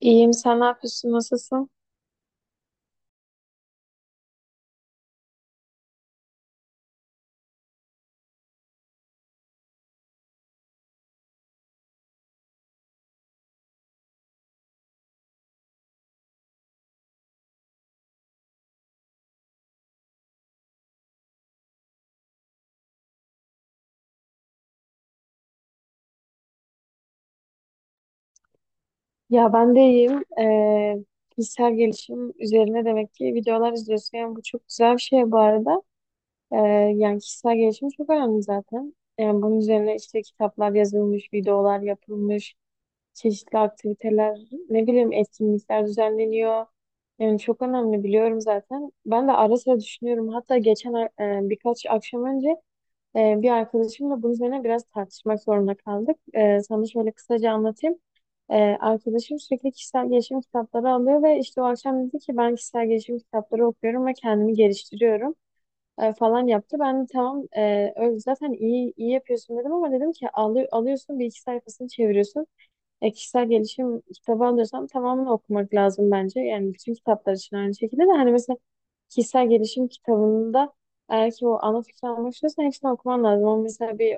İyiyim, sen ne yapıyorsun, nasılsın? Ya ben de iyiyim. Kişisel gelişim üzerine demek ki videolar izliyorsun. Yani bu çok güzel bir şey bu arada. Ee, Yani kişisel gelişim çok önemli zaten. Yani bunun üzerine işte kitaplar yazılmış, videolar yapılmış, çeşitli aktiviteler, ne bileyim etkinlikler düzenleniyor. Yani çok önemli biliyorum zaten. Ben de ara sıra düşünüyorum. Hatta geçen birkaç akşam önce bir arkadaşımla bunun üzerine biraz tartışmak zorunda kaldık. Sana şöyle kısaca anlatayım. Ee, Arkadaşım sürekli kişisel gelişim kitapları alıyor ve işte o akşam dedi ki ben kişisel gelişim kitapları okuyorum ve kendimi geliştiriyorum falan yaptı. Ben de tamam, öyle zaten iyi iyi yapıyorsun dedim ama dedim ki alıyorsun bir iki sayfasını çeviriyorsun. Kişisel gelişim kitabı alıyorsam tamamını okumak lazım bence. Yani bütün kitaplar için aynı şekilde de hani mesela kişisel gelişim kitabında eğer ki o ana fikri almak istiyorsan hepsini okuman lazım. Ama mesela bir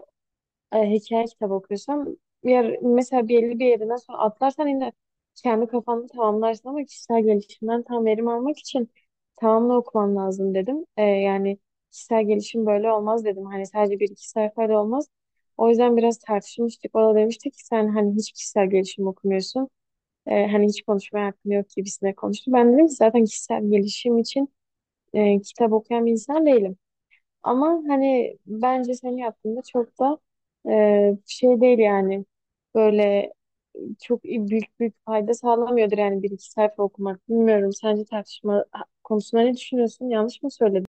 e, hikaye kitabı okuyorsam mesela belli bir yerinden sonra atlarsan yine kendi kafanda tamamlarsın ama kişisel gelişimden tam verim almak için tamamını okuman lazım dedim. Yani kişisel gelişim böyle olmaz dedim. Hani sadece bir iki sayfayla olmaz. O yüzden biraz tartışmıştık. O da demişti ki sen hani hiç kişisel gelişim okumuyorsun. Hani hiç konuşmaya hakkın yok gibisine konuştu. Ben dedim ki zaten kişisel gelişim için kitap okuyan bir insan değilim. Ama hani bence senin yaptığında çok da şey değil yani. Böyle çok büyük büyük fayda sağlamıyordur yani bir iki sayfa okumak. Bilmiyorum sence tartışma konusunda ne düşünüyorsun? Yanlış mı söyledim?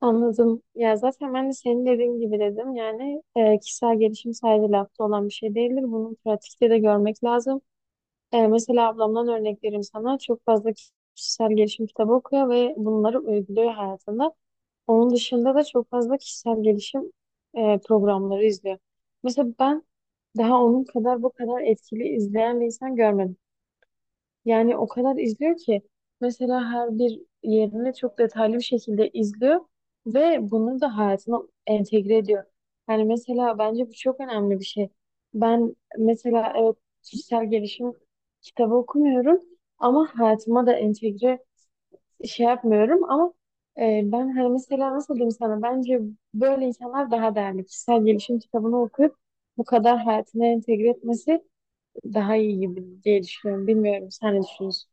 Anladım. Ya zaten ben de senin dediğin gibi dedim. Yani kişisel gelişim sadece lafta olan bir şey değildir. Bunu pratikte de görmek lazım. Mesela ablamdan örnek vereyim sana. Çok fazla kişisel gelişim kitabı okuyor ve bunları uyguluyor hayatında. Onun dışında da çok fazla kişisel gelişim programları izliyor. Mesela ben daha onun kadar bu kadar etkili izleyen bir insan görmedim. Yani o kadar izliyor ki mesela her bir yerini çok detaylı bir şekilde izliyor ve bunu da hayatına entegre ediyor. Yani mesela bence bu çok önemli bir şey. Ben mesela evet kişisel gelişim kitabı okumuyorum ama hayatıma da entegre şey yapmıyorum ama ben hani mesela nasıl diyeyim sana bence böyle insanlar daha değerli. Kişisel gelişim kitabını okuyup bu kadar hayatına entegre etmesi daha iyi gibi diye düşünüyorum. Bilmiyorum sen ne düşünüyorsun?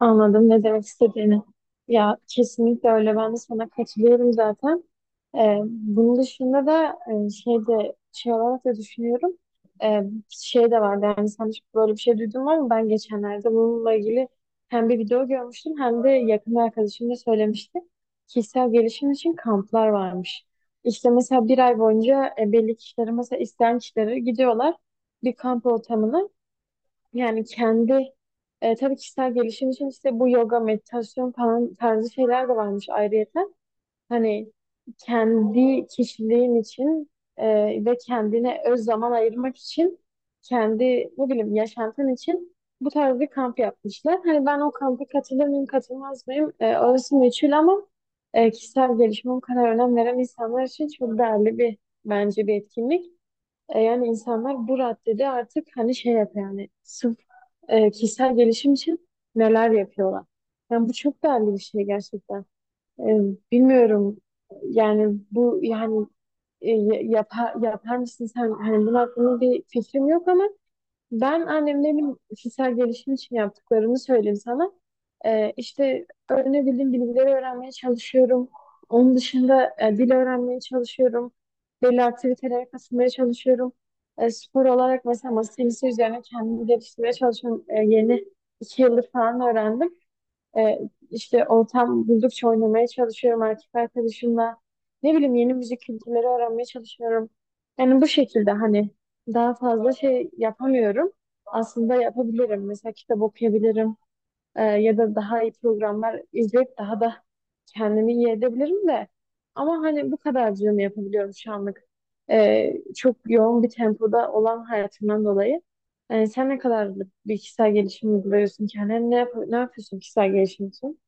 Anladım ne demek istediğini. Ya kesinlikle öyle ben de sana katılıyorum zaten. Bunun dışında da şey de şey olarak da düşünüyorum. Ee, Şey de vardı yani sen hiç böyle bir şey duydun mu ama ben geçenlerde bununla ilgili hem bir video görmüştüm hem de yakın bir arkadaşım da söylemişti. Kişisel gelişim için kamplar varmış. İşte mesela bir ay boyunca belli kişilere mesela isteyen kişilere gidiyorlar bir kamp ortamına. Yani kendi tabii kişisel gelişim için işte bu yoga, meditasyon falan tarzı şeyler de varmış ayrıyeten. Hani kendi kişiliğin için e, ve kendine öz zaman ayırmak için kendi ne bileyim yaşantın için bu tarz bir kamp yapmışlar. Hani ben o kampa katılır mıyım, katılmaz mıyım? Orası meçhul ama kişisel gelişime o kadar önem veren insanlar için çok değerli bir bence bir etkinlik. Yani insanlar bu raddede artık hani şey yapıyor yani sırf kişisel gelişim için neler yapıyorlar. Yani bu çok değerli bir şey gerçekten. E, Bilmiyorum yani bu yani e, yapar mısın sen? Hani bunun hakkında bir fikrim yok ama ben annemlerin kişisel gelişim için yaptıklarını söyleyeyim sana. İşte öğrenebildiğim bilgileri öğrenmeye çalışıyorum. Onun dışında dil öğrenmeye çalışıyorum. Belli aktivitelere katılmaya çalışıyorum. Spor olarak mesela masa tenisi üzerine kendimi geliştirmeye çalışıyorum. Yeni 2 yıldır falan öğrendim. E, işte ortam buldukça oynamaya çalışıyorum erkek arkadaşımla. Ne bileyim yeni müzik kültürleri öğrenmeye çalışıyorum. Yani bu şekilde hani daha fazla şey yapamıyorum. Aslında yapabilirim. Mesela kitap okuyabilirim. Ya da daha iyi programlar izleyip daha da kendimi iyi edebilirim de. Ama hani bu kadarcığını yapabiliyorum şu anlık. Çok yoğun bir tempoda olan hayatımdan dolayı. Yani sen ne kadarlık bir kişisel gelişim uyguluyorsun kendine? Ne yapıyorsun kişisel gelişim için?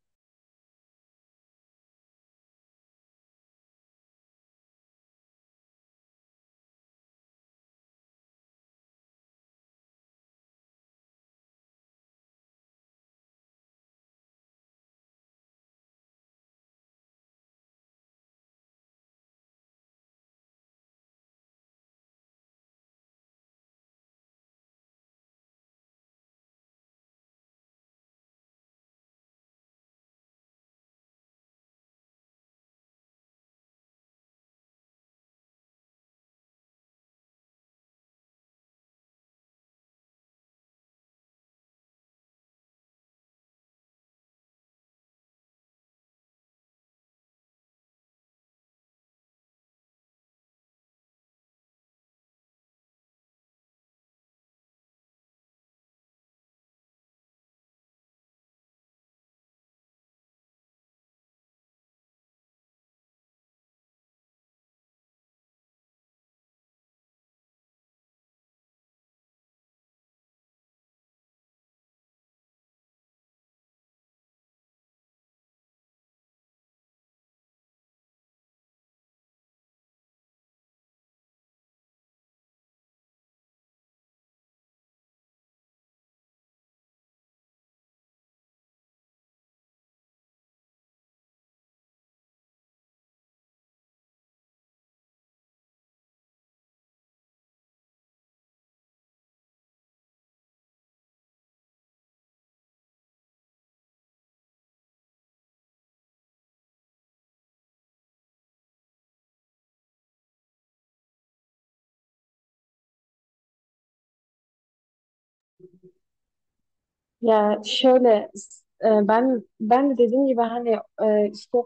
Ya şöyle, ben de dediğim gibi hani, işte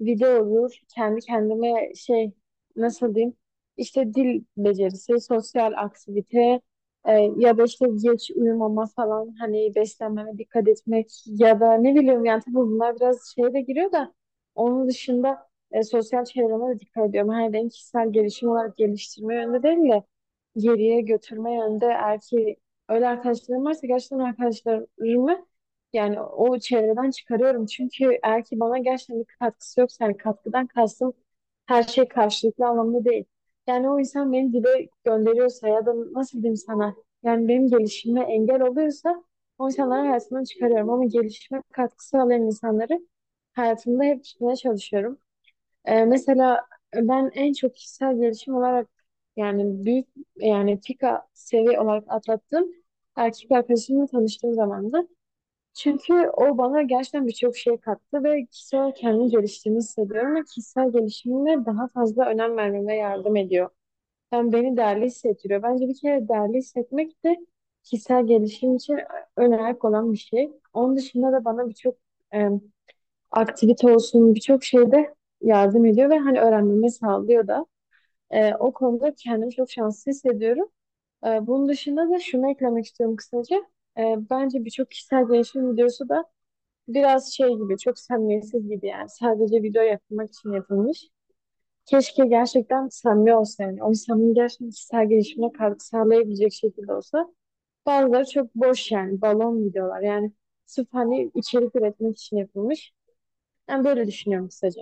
video olur kendi kendime şey nasıl diyeyim işte dil becerisi, sosyal aktivite e, ya da işte geç uyumama falan hani beslenmeme dikkat etmek ya da ne bileyim yani tabii bunlar biraz şeye de giriyor da onun dışında sosyal çevreme de dikkat ediyorum. Hani ben kişisel gelişim olarak geliştirme yönde değil de geriye götürme yönde eğer ki öyle arkadaşlarım varsa gerçekten arkadaşlarımı yani o çevreden çıkarıyorum. Çünkü eğer ki bana gerçekten bir katkısı yoksa yani katkıdan kastım her şey karşılıklı anlamda değil. Yani o insan beni dibe gönderiyorsa ya da nasıl diyeyim sana yani benim gelişime engel oluyorsa o insanları hayatımdan çıkarıyorum. Ama gelişime katkı sağlayan insanları hayatımda hep tutmaya çalışıyorum. Mesela ben en çok kişisel gelişim olarak yani büyük yani pika seviye olarak atlattığım erkek arkadaşımla tanıştığım zamandı. Çünkü o bana gerçekten birçok şey kattı ve kişisel olarak kendimi geliştiğimi hissediyorum ve kişisel gelişimime daha fazla önem vermeme yardım ediyor. Yani beni değerli hissettiriyor. Bence bir kere değerli hissetmek de kişisel gelişim için önemli olan bir şey. Onun dışında da bana birçok aktivite olsun birçok şeyde yardım ediyor ve hani öğrenmemi sağlıyor da. O konuda kendimi çok şanslı hissediyorum. Bunun dışında da şunu eklemek istiyorum kısaca. Bence birçok kişisel gelişim videosu da biraz şey gibi, çok samimiyetsiz gibi yani. Sadece video yapmak için yapılmış. Keşke gerçekten samimi olsa yani. O insanın gerçekten kişisel gelişimine katkı sağlayabilecek şekilde olsa. Bazıları çok boş yani, balon videolar. Yani sırf hani içerik üretmek için yapılmış. Ben böyle düşünüyorum kısaca.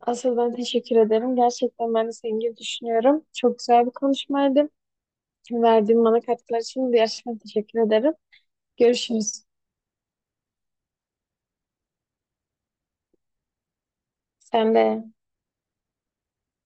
Asıl ben teşekkür ederim. Gerçekten ben de senin gibi düşünüyorum. Çok güzel bir konuşmaydı. Verdiğin bana katkılar için de gerçekten teşekkür ederim. Görüşürüz. Sen de.